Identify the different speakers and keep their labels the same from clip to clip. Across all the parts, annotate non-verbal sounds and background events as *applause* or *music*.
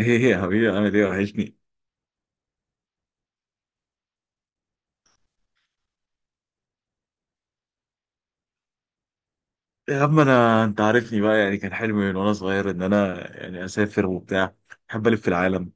Speaker 1: ايه يا حبيبي، عامل ايه؟ وحشني. يا عم انا، انت عارفني بقى، يعني كان حلمي من وانا صغير ان انا يعني اسافر وبتاع. بحب الف في العالم.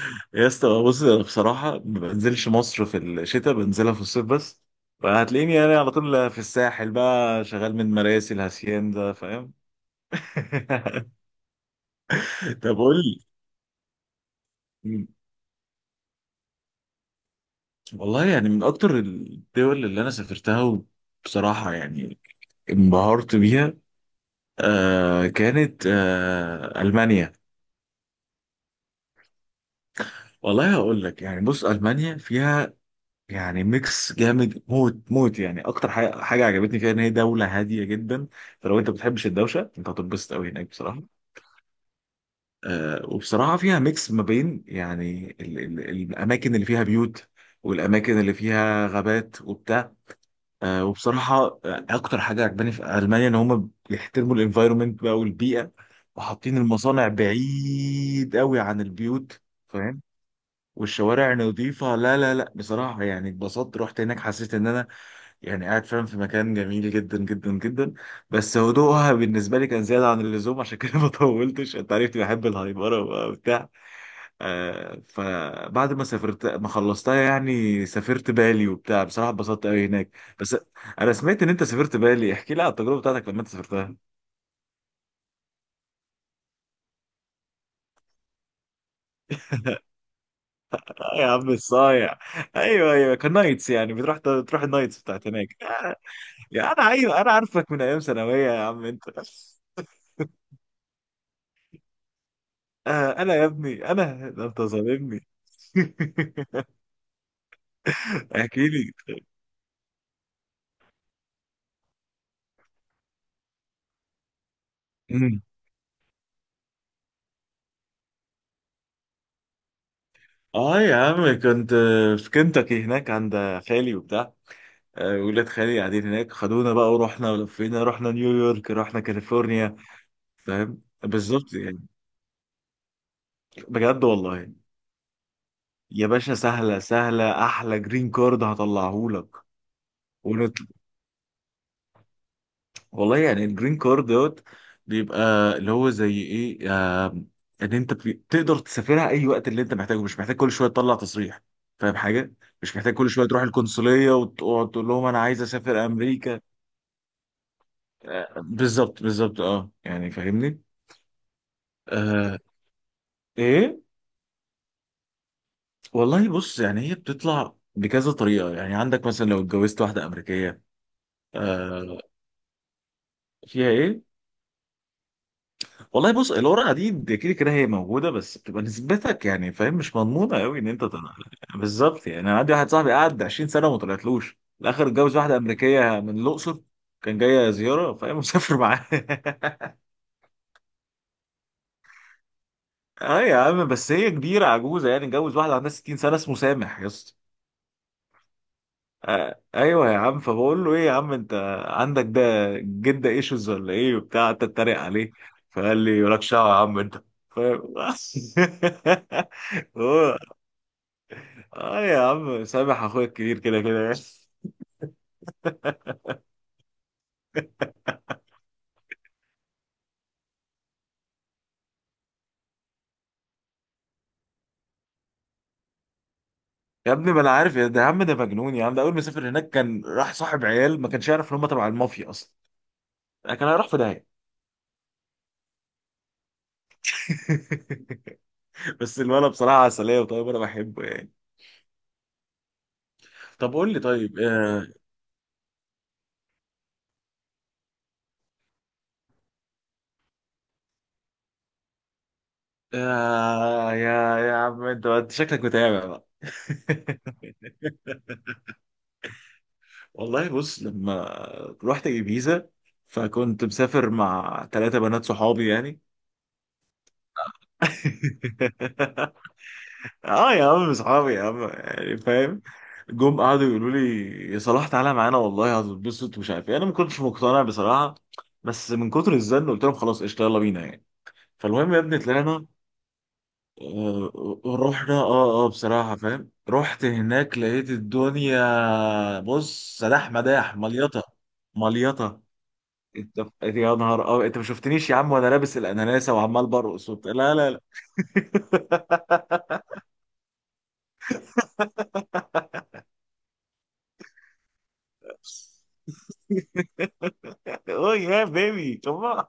Speaker 1: *laughs* يا اسطى بص، انا بصراحه ما بنزلش مصر في الشتاء، بنزلها في الصيف بس. فهتلاقيني انا على طول في الساحل بقى شغال من مراسي الهسيان، ده فاهم؟ *laughs* طب قول لي. مم. والله يعني من اكتر الدول اللي انا سافرتها بصراحه، يعني انبهرت بيها. كانت المانيا. والله هقول لك، يعني بص المانيا فيها يعني ميكس جامد موت موت. يعني اكتر حاجه عجبتني فيها ان هي دوله هاديه جدا. فلو انت بتحبش الدوشه، انت هتتبسط قوي هناك بصراحه. وبصراحه فيها ميكس ما بين يعني ال الاماكن اللي فيها بيوت، والاماكن اللي فيها غابات وبتاع. وبصراحه اكتر حاجه عجباني في المانيا ان هم بيحترموا الانفايرمنت بقى والبيئه، وحاطين المصانع بعيد قوي عن البيوت، فاهم؟ والشوارع نظيفة. لا لا لا، بصراحة يعني اتبسطت، رحت هناك حسيت ان انا يعني قاعد فعلا في مكان جميل جدا جدا جدا. بس هدوءها بالنسبة لي كان زيادة عن اللزوم، عشان كده *laughs* ما طولتش. انت عرفت بحب الهايبرة وبقى وبتاع. فبعد ما سافرت ما خلصتها يعني، سافرت بالي وبتاع بصراحة اتبسطت قوي هناك بس. انا سمعت ان انت سافرت بالي، احكي لي على التجربة بتاعتك لما انت سافرتها. آه يا عم الصايع. ايوه ايوه، كان نايتس، يعني بتروح، النايتس بتاعت هناك. يا انا ايوه، انا عارفك من ايام ثانويه يا عم انت. انا يا ابني، انا ده انت ظالمني. *laughs* احكي لي. أمم. اه يا عم، كنت في كنتاكي هناك عند خالي وبتاع. ولاد خالي قاعدين هناك، خدونا بقى ورحنا ولفينا، رحنا نيويورك رحنا كاليفورنيا. فاهم بالظبط يعني. بجد والله. يا باشا سهله سهله، احلى جرين كارد هطلعهولك. والله يعني الجرين كارد دوت بيبقى اللي هو زي ايه، آم، ان انت تقدر تسافرها اي وقت اللي انت محتاجه، مش محتاج كل شويه تطلع تصريح. فاهم حاجه؟ مش محتاج كل شويه تروح القنصليه وتقعد تقول لهم انا عايز اسافر امريكا. بالظبط بالظبط، يعني فاهمني. آه. ايه. والله بص، يعني هي بتطلع بكذا طريقه، يعني عندك مثلا لو اتجوزت واحده امريكيه. آه. فيها ايه؟ والله بص، الورقه دي كده كده هي موجوده، بس بتبقى نسبتك يعني فاهم مش مضمونه قوي ان انت تطلع. بالظبط يعني، انا عندي واحد صاحبي قعد 20 سنه وما طلعتلوش. في الاخر اتجوز واحده امريكيه من الاقصر، كان جايه زياره فاهم، مسافر معاه. *laughs* اه يا عم، بس هي كبيره عجوزه، يعني اتجوز واحده عندها 60 سنه، اسمه سامح يا اسطى. آه ايوه يا عم. فبقول له ايه يا عم انت، عندك ده جده ايشوز ولا ايه وبتاع، قعدت اتريق عليه. فقال لي مالكش دعوه يا عم انت، فاهم. *laughs* هو اه يا عم، سامح اخويا الكبير كده كده يعني. يا ابني ما انا عارف، يا ده يا عم، ده مجنون يا عم، ده اول ما سافر هناك كان راح صاحب عيال ما كانش يعرف ان هم تبع المافيا اصلا، يعني كان هيروح في داهيه. *laughs* بس الولد بصراحه عسليه وطيب، انا بحبه يعني. طب قول لي طيب يا عم، انت شكلك متابع بقى. *laughs* والله بص لما رحت ibiza، فكنت مسافر مع 3 بنات صحابي يعني. *laughs* اه يا عم، اصحابي يا عم يعني فاهم. جم قعدوا يقولوا لي يا صلاح تعالى معانا والله هتتبسط ومش عارف ايه. انا ما كنتش مقتنع بصراحه، بس من كتر الزن قلت لهم خلاص قشطه يلا بينا يعني. فالمهم يا ابني طلعنا. رحنا. اه بصراحه فاهم، رحت هناك لقيت الدنيا بص سداح مداح، مليطه. انت يا نهار، انت ما شفتنيش يا عم وانا لابس الاناناسه وعمال برقص وبتاع. لا لا لا. *laughs* اوه يا بيبي كمان.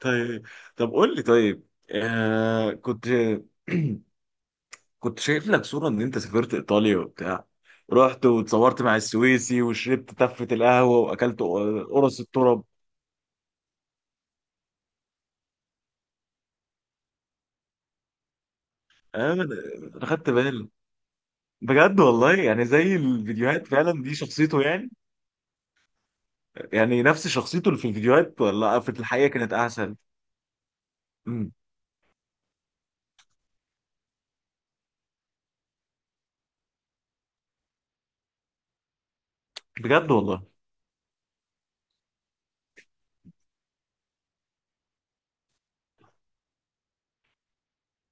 Speaker 1: طيب. طب قول لي طيب كنت *clears throat* كنت شايف لك صورة ان انت سافرت ايطاليا وبتاع، رحت واتصورت مع السويسي وشربت تفة القهوة واكلت قرص التراب. انا خدت بالي. بجد والله، يعني زي الفيديوهات فعلا، دي شخصيته يعني. يعني نفس شخصيته اللي في الفيديوهات، ولا في الحقيقة كانت احسن؟ مم. بجد والله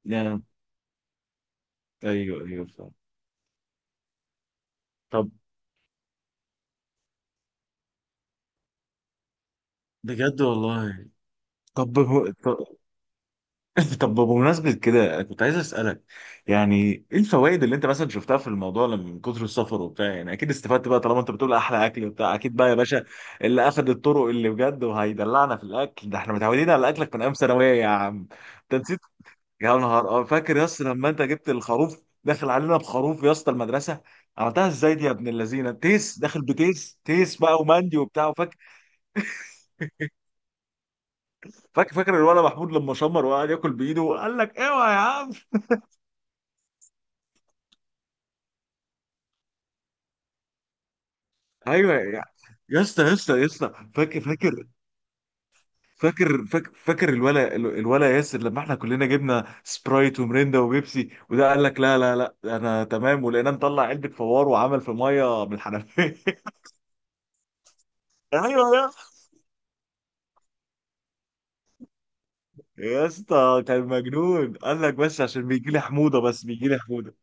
Speaker 1: يعني. ايوه ايوه فعلا. طب بجد والله. طب هو- *laughs* طب بمناسبة كده، كنت عايز أسألك يعني إيه الفوائد اللي أنت مثلا شفتها في الموضوع، من كتر السفر وبتاع، يعني أكيد استفدت بقى، طالما أنت بتقول أحلى أكل وبتاع أكيد بقى يا باشا. اللي أخد الطرق، اللي بجد وهيدلعنا في الأكل ده، إحنا متعودين على أكلك من أيام ثانوية يا عم. أنت نسيت. يا نهار فاكر يا اسطى لما أنت جبت الخروف داخل علينا، بخروف يا اسطى المدرسة، عملتها إزاي دي يا ابن اللذينة؟ تيس داخل بتيس، تيس بقى ومندي وبتاع. وفاكر، فاكر الولد محمود لما شمر وقعد ياكل بإيده وقال لك أوعى يا عم. ايوه يا اسطى يا اسطى يا اسطى، فاكر الولا ياسر لما احنا كلنا جبنا سبرايت ومريندا وبيبسي، وده قال لك لا لا لا انا تمام، ولقيناه مطلع علبه فوار وعمل في ميه من الحنفيه. *laughs* ايوه يا اسطى. يا اسطى كان مجنون، قال لك بس عشان بيجي لي حموضه، بس بيجي لي حموضه.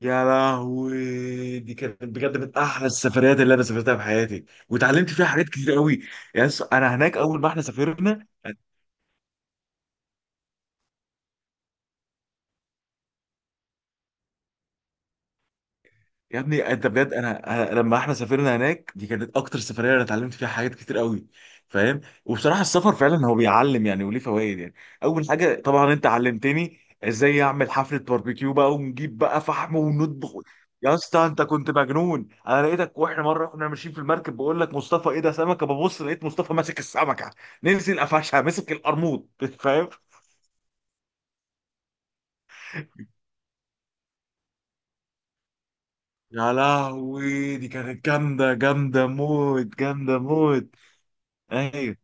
Speaker 1: يا لهوي دي كانت بجد من احلى السفريات اللي انا سافرتها في حياتي، واتعلمت فيها حاجات كتير قوي. يا اسطى انا هناك اول ما احنا سافرنا. يا ابني انت بجد، انا. لما احنا سافرنا هناك، دي كانت اكتر سفريه انا اتعلمت فيها حاجات كتير قوي، فاهم. وبصراحه السفر فعلا هو بيعلم يعني، وليه فوائد يعني. اول حاجه طبعا انت علمتني ازاي اعمل حفله باربيكيو بقى، ونجيب بقى فحم ونطبخ. يا اسطى انت كنت مجنون، انا لقيتك واحنا مره ماشيين في المركب بقول لك مصطفى ايه ده؟ سمكه. ببص لقيت مصطفى ماسك السمكه، نزل قفشها مسك القرموط. *laughs* فاهم. يا لهوي دي كانت جامده جامده موت، جامده موت. ايوه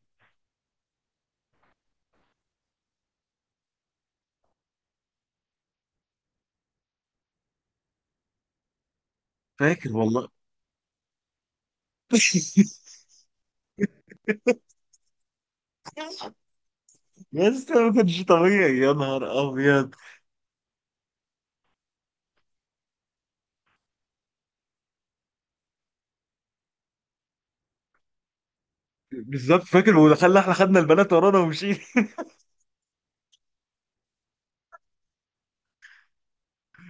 Speaker 1: فاكر والله. *laughs* يا اسطى ما كانش طبيعي، يا نهار ابيض. بالظبط فاكر، ودخلنا احنا خدنا البنات ورانا ومشينا.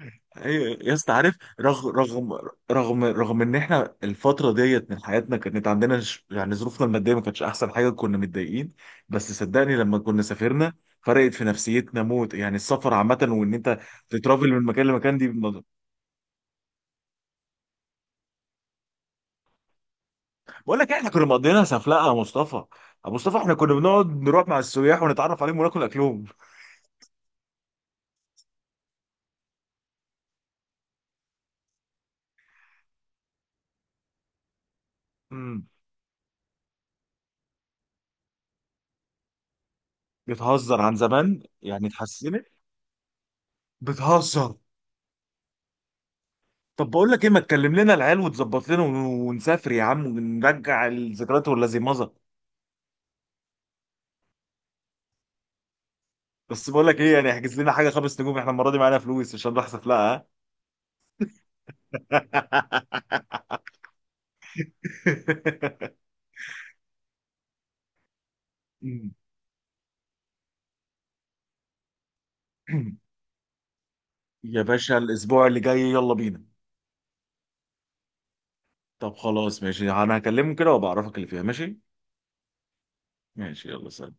Speaker 1: *laughs* ايوه يا اسطى عارف، رغم ان احنا الفتره ديت من حياتنا كانت عندنا يعني ظروفنا الماديه ما كانتش احسن حاجه، كنا متضايقين. بس صدقني لما كنا سافرنا فرقت في نفسيتنا موت، يعني السفر عامه وان انت تترافل من مكان لمكان دي بالنظر. بقول لك إيه، احنا كنا مقضيينها سفلقه يا مصطفى ابو مصطفى، احنا كنا بنقعد نروح مع السياح ونتعرف عليهم وناكل اكلهم. بتهزر؟ عن زمان يعني اتحسنت؟ بتهزر. طب بقول لك ايه، ما تكلم لنا العيال وتظبط لنا ونسافر يا عم ونرجع الذكريات، ولا زي مضى؟ بس بقول لك ايه، يعني احجز لنا حاجه 5 نجوم، احنا المره دي معانا فلوس عشان نروح سفلقه، ها؟ *laughs* يا باشا الاسبوع اللي جاي يلا بينا. طب خلاص ماشي، انا هكلمهم كده وبعرفك اللي فيها ماشي. ماشي يلا، سلام.